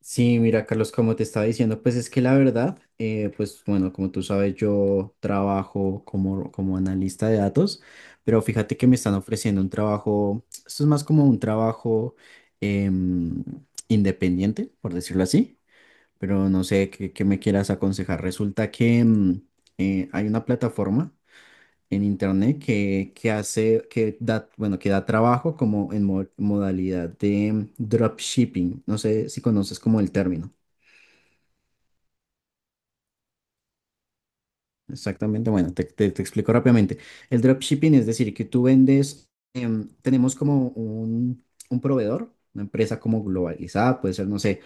Sí, mira, Carlos, como te estaba diciendo, pues es que la verdad, pues bueno, como tú sabes, yo trabajo como analista de datos, pero fíjate que me están ofreciendo un trabajo, esto es más como un trabajo em, independiente, por decirlo así, pero no sé qué me quieras aconsejar. Resulta que hay una plataforma en internet que hace, que da trabajo como en modalidad de dropshipping, no sé si conoces como el término. Exactamente, bueno, te explico rápidamente. El dropshipping es decir, que tú vendes, tenemos como un proveedor, una empresa como globalizada, puede ser, no sé,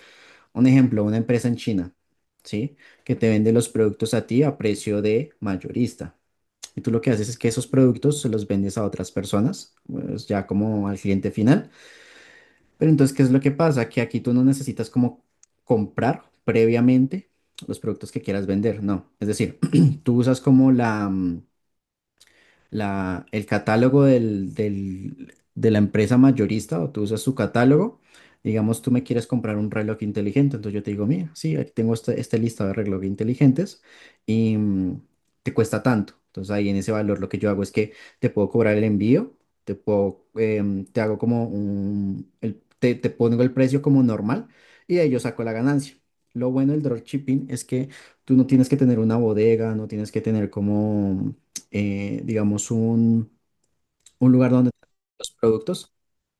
un ejemplo, una empresa en China, ¿sí? Que te vende los productos a ti a precio de mayorista. Y tú lo que haces es que esos productos se los vendes a otras personas, pues ya como al cliente final. Pero entonces, ¿qué es lo que pasa? Que aquí tú no necesitas como comprar previamente los productos que quieras vender, no. Es decir, tú usas como el catálogo de la empresa mayorista o tú usas su catálogo. Digamos, tú me quieres comprar un reloj inteligente, entonces yo te digo, mira, sí, aquí tengo este listado de relojes inteligentes y te cuesta tanto. Entonces ahí en ese valor lo que yo hago es que te puedo cobrar el envío, te hago como te pongo el precio como normal y de ahí yo saco la ganancia. Lo bueno del dropshipping es que tú no tienes que tener una bodega, no tienes que tener como digamos, un lugar donde los productos.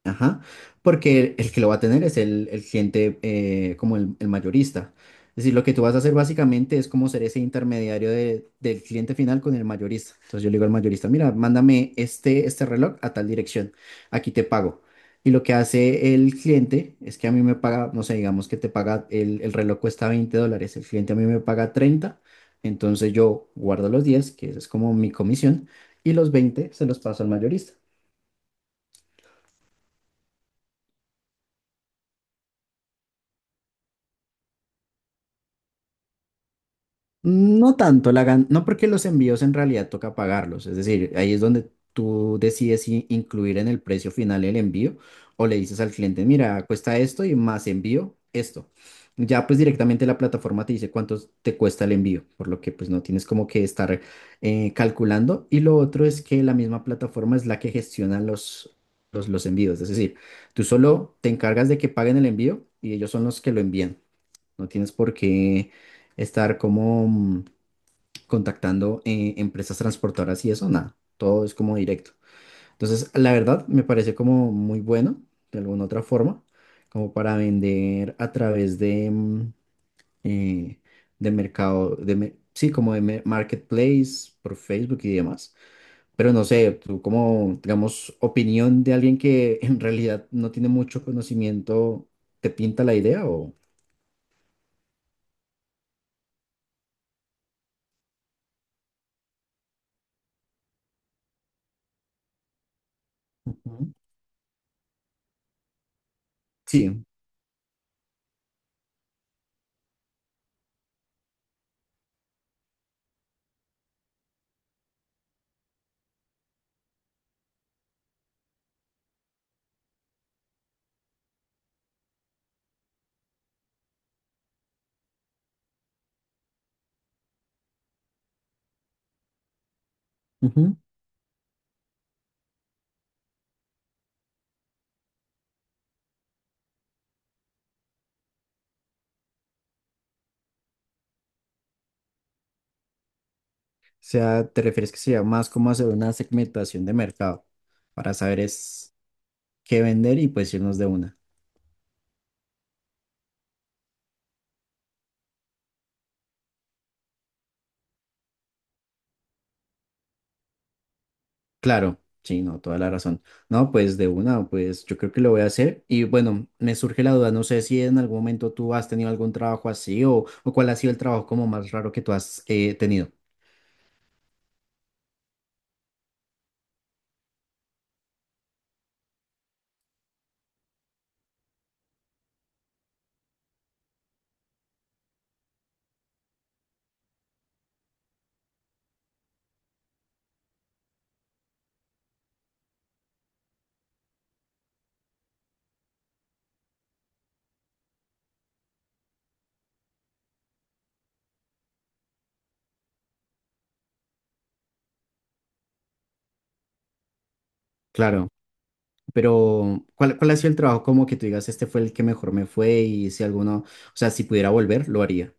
Ajá, porque el que lo va a tener es el cliente como el mayorista. Es decir, lo que tú vas a hacer básicamente es como ser ese intermediario del cliente final con el mayorista. Entonces yo le digo al mayorista, mira, mándame este reloj a tal dirección, aquí te pago. Y lo que hace el cliente es que a mí me paga, no sé, digamos que te paga, el reloj cuesta $20, el cliente a mí me paga 30, entonces yo guardo los 10 que esa es como mi comisión, y los 20 se los paso al mayorista. No tanto, no porque los envíos en realidad toca pagarlos, es decir, ahí es donde tú decides si incluir en el precio final el envío o le dices al cliente, mira, cuesta esto y más envío esto. Ya pues directamente la plataforma te dice cuánto te cuesta el envío, por lo que pues no tienes como que estar calculando. Y lo otro es que la misma plataforma es la que gestiona los envíos, es decir, tú solo te encargas de que paguen el envío y ellos son los que lo envían. No tienes por qué estar como contactando empresas transportadoras y eso, nada. Todo es como directo. Entonces, la verdad, me parece como muy bueno, de alguna otra forma, como para vender a través eh, de mercado, sí, como de marketplace, por Facebook y demás. Pero no sé, tú como, digamos, opinión de alguien que en realidad no tiene mucho conocimiento, ¿te pinta la idea o...? Ujú. Sí. Sea, ¿te refieres que sea más como hacer una segmentación de mercado para saber es qué vender y pues irnos de una? Claro, sí, no, toda la razón. No, pues de una, pues yo creo que lo voy a hacer. Y bueno, me surge la duda, no sé si en algún momento tú has tenido algún trabajo así o cuál ha sido el trabajo como más raro que tú has tenido. Claro, pero ¿cuál ha sido el trabajo como que tú digas, este fue el que mejor me fue y si alguno, o sea, si pudiera volver, lo haría?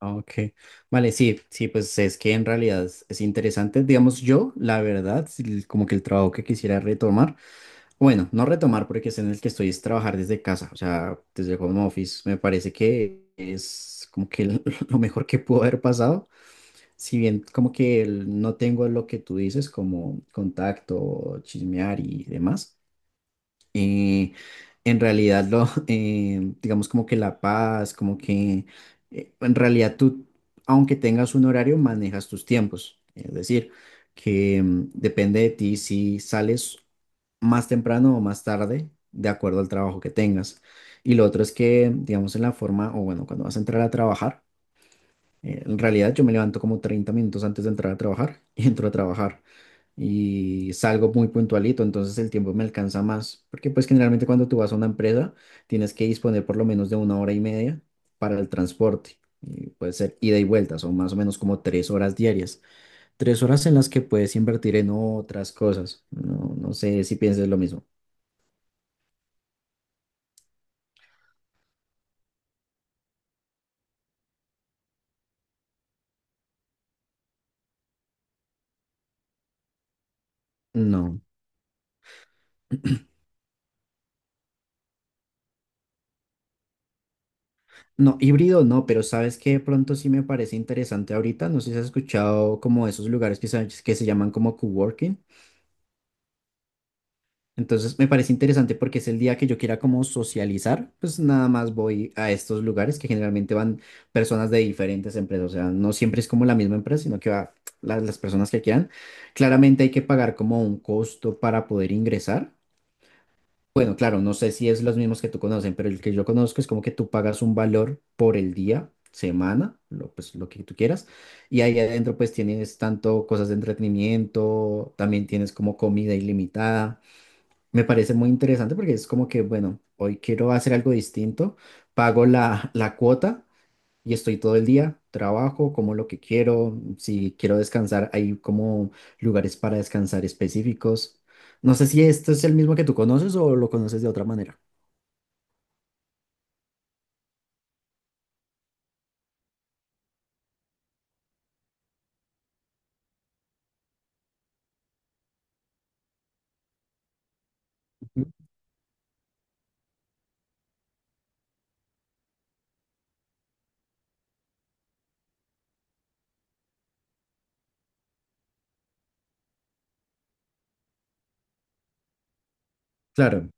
Ok, vale, sí, sí, pues es que en realidad es interesante, digamos yo, la verdad, sí, como que el trabajo que quisiera retomar, bueno, no retomar porque es en el que estoy es trabajar desde casa, o sea, desde home office, me parece que es como que lo mejor que pudo haber pasado, si bien como que no tengo lo que tú dices como contacto, chismear y demás eh, en realidad digamos como que la paz, como que en realidad tú, aunque tengas un horario, manejas tus tiempos. Es decir, que depende de ti si sales más temprano o más tarde, de acuerdo al trabajo que tengas. Y lo otro es que, digamos, en la forma, o bueno, cuando vas a entrar a trabajar, en realidad yo me levanto como 30 minutos antes de entrar a trabajar y entro a trabajar y salgo muy puntualito, entonces el tiempo me alcanza más, porque pues generalmente cuando tú vas a una empresa tienes que disponer por lo menos de una hora y media para el transporte, y puede ser ida y vuelta, son más o menos como 3 horas diarias, 3 horas en las que puedes invertir en otras cosas, no, no sé si pienses lo mismo. No, no, híbrido no, pero sabes que de pronto sí me parece interesante ahorita, no sé si has escuchado como esos lugares que se llaman como coworking. Entonces me parece interesante porque es el día que yo quiera como socializar, pues nada más voy a estos lugares que generalmente van personas de diferentes empresas, o sea, no siempre es como la misma empresa, sino que va las personas que quieran. Claramente hay que pagar como un costo para poder ingresar. Bueno, claro, no sé si es los mismos que tú conocen, pero el que yo conozco es como que tú pagas un valor por el día, semana, pues lo que tú quieras, y ahí adentro pues tienes tanto cosas de entretenimiento, también tienes como comida ilimitada. Me parece muy interesante porque es como que, bueno, hoy quiero hacer algo distinto, pago la cuota y estoy todo el día, trabajo como lo que quiero, si quiero descansar, hay como lugares para descansar específicos. No sé si esto es el mismo que tú conoces o lo conoces de otra manera. Ujú. Claro,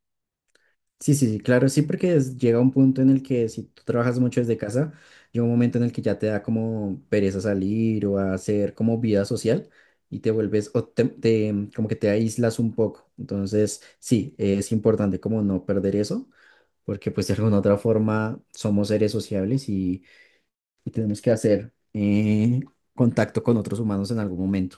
sí, sí, sí, claro, sí, porque llega un punto en el que si tú trabajas mucho desde casa, llega un momento en el que ya te da como pereza salir o a hacer como vida social y te vuelves, como que te aíslas un poco. Entonces, sí, es importante como no perder eso, porque pues de alguna u otra forma somos seres sociables y tenemos que hacer contacto con otros humanos en algún momento.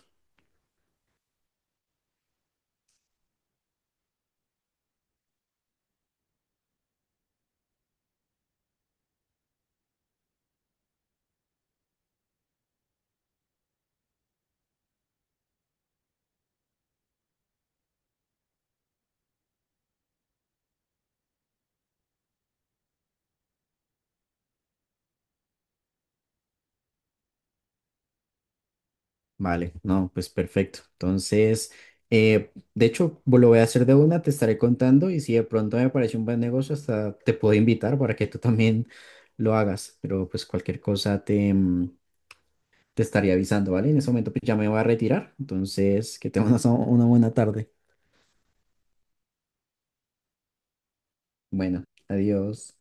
Vale, no, pues perfecto. Entonces, de hecho, lo voy a hacer de una, te estaré contando y si de pronto me parece un buen negocio, hasta te puedo invitar para que tú también lo hagas, pero pues cualquier cosa te estaré avisando, ¿vale? En ese momento pues, ya me voy a retirar, entonces que tengas una buena tarde. Bueno, adiós.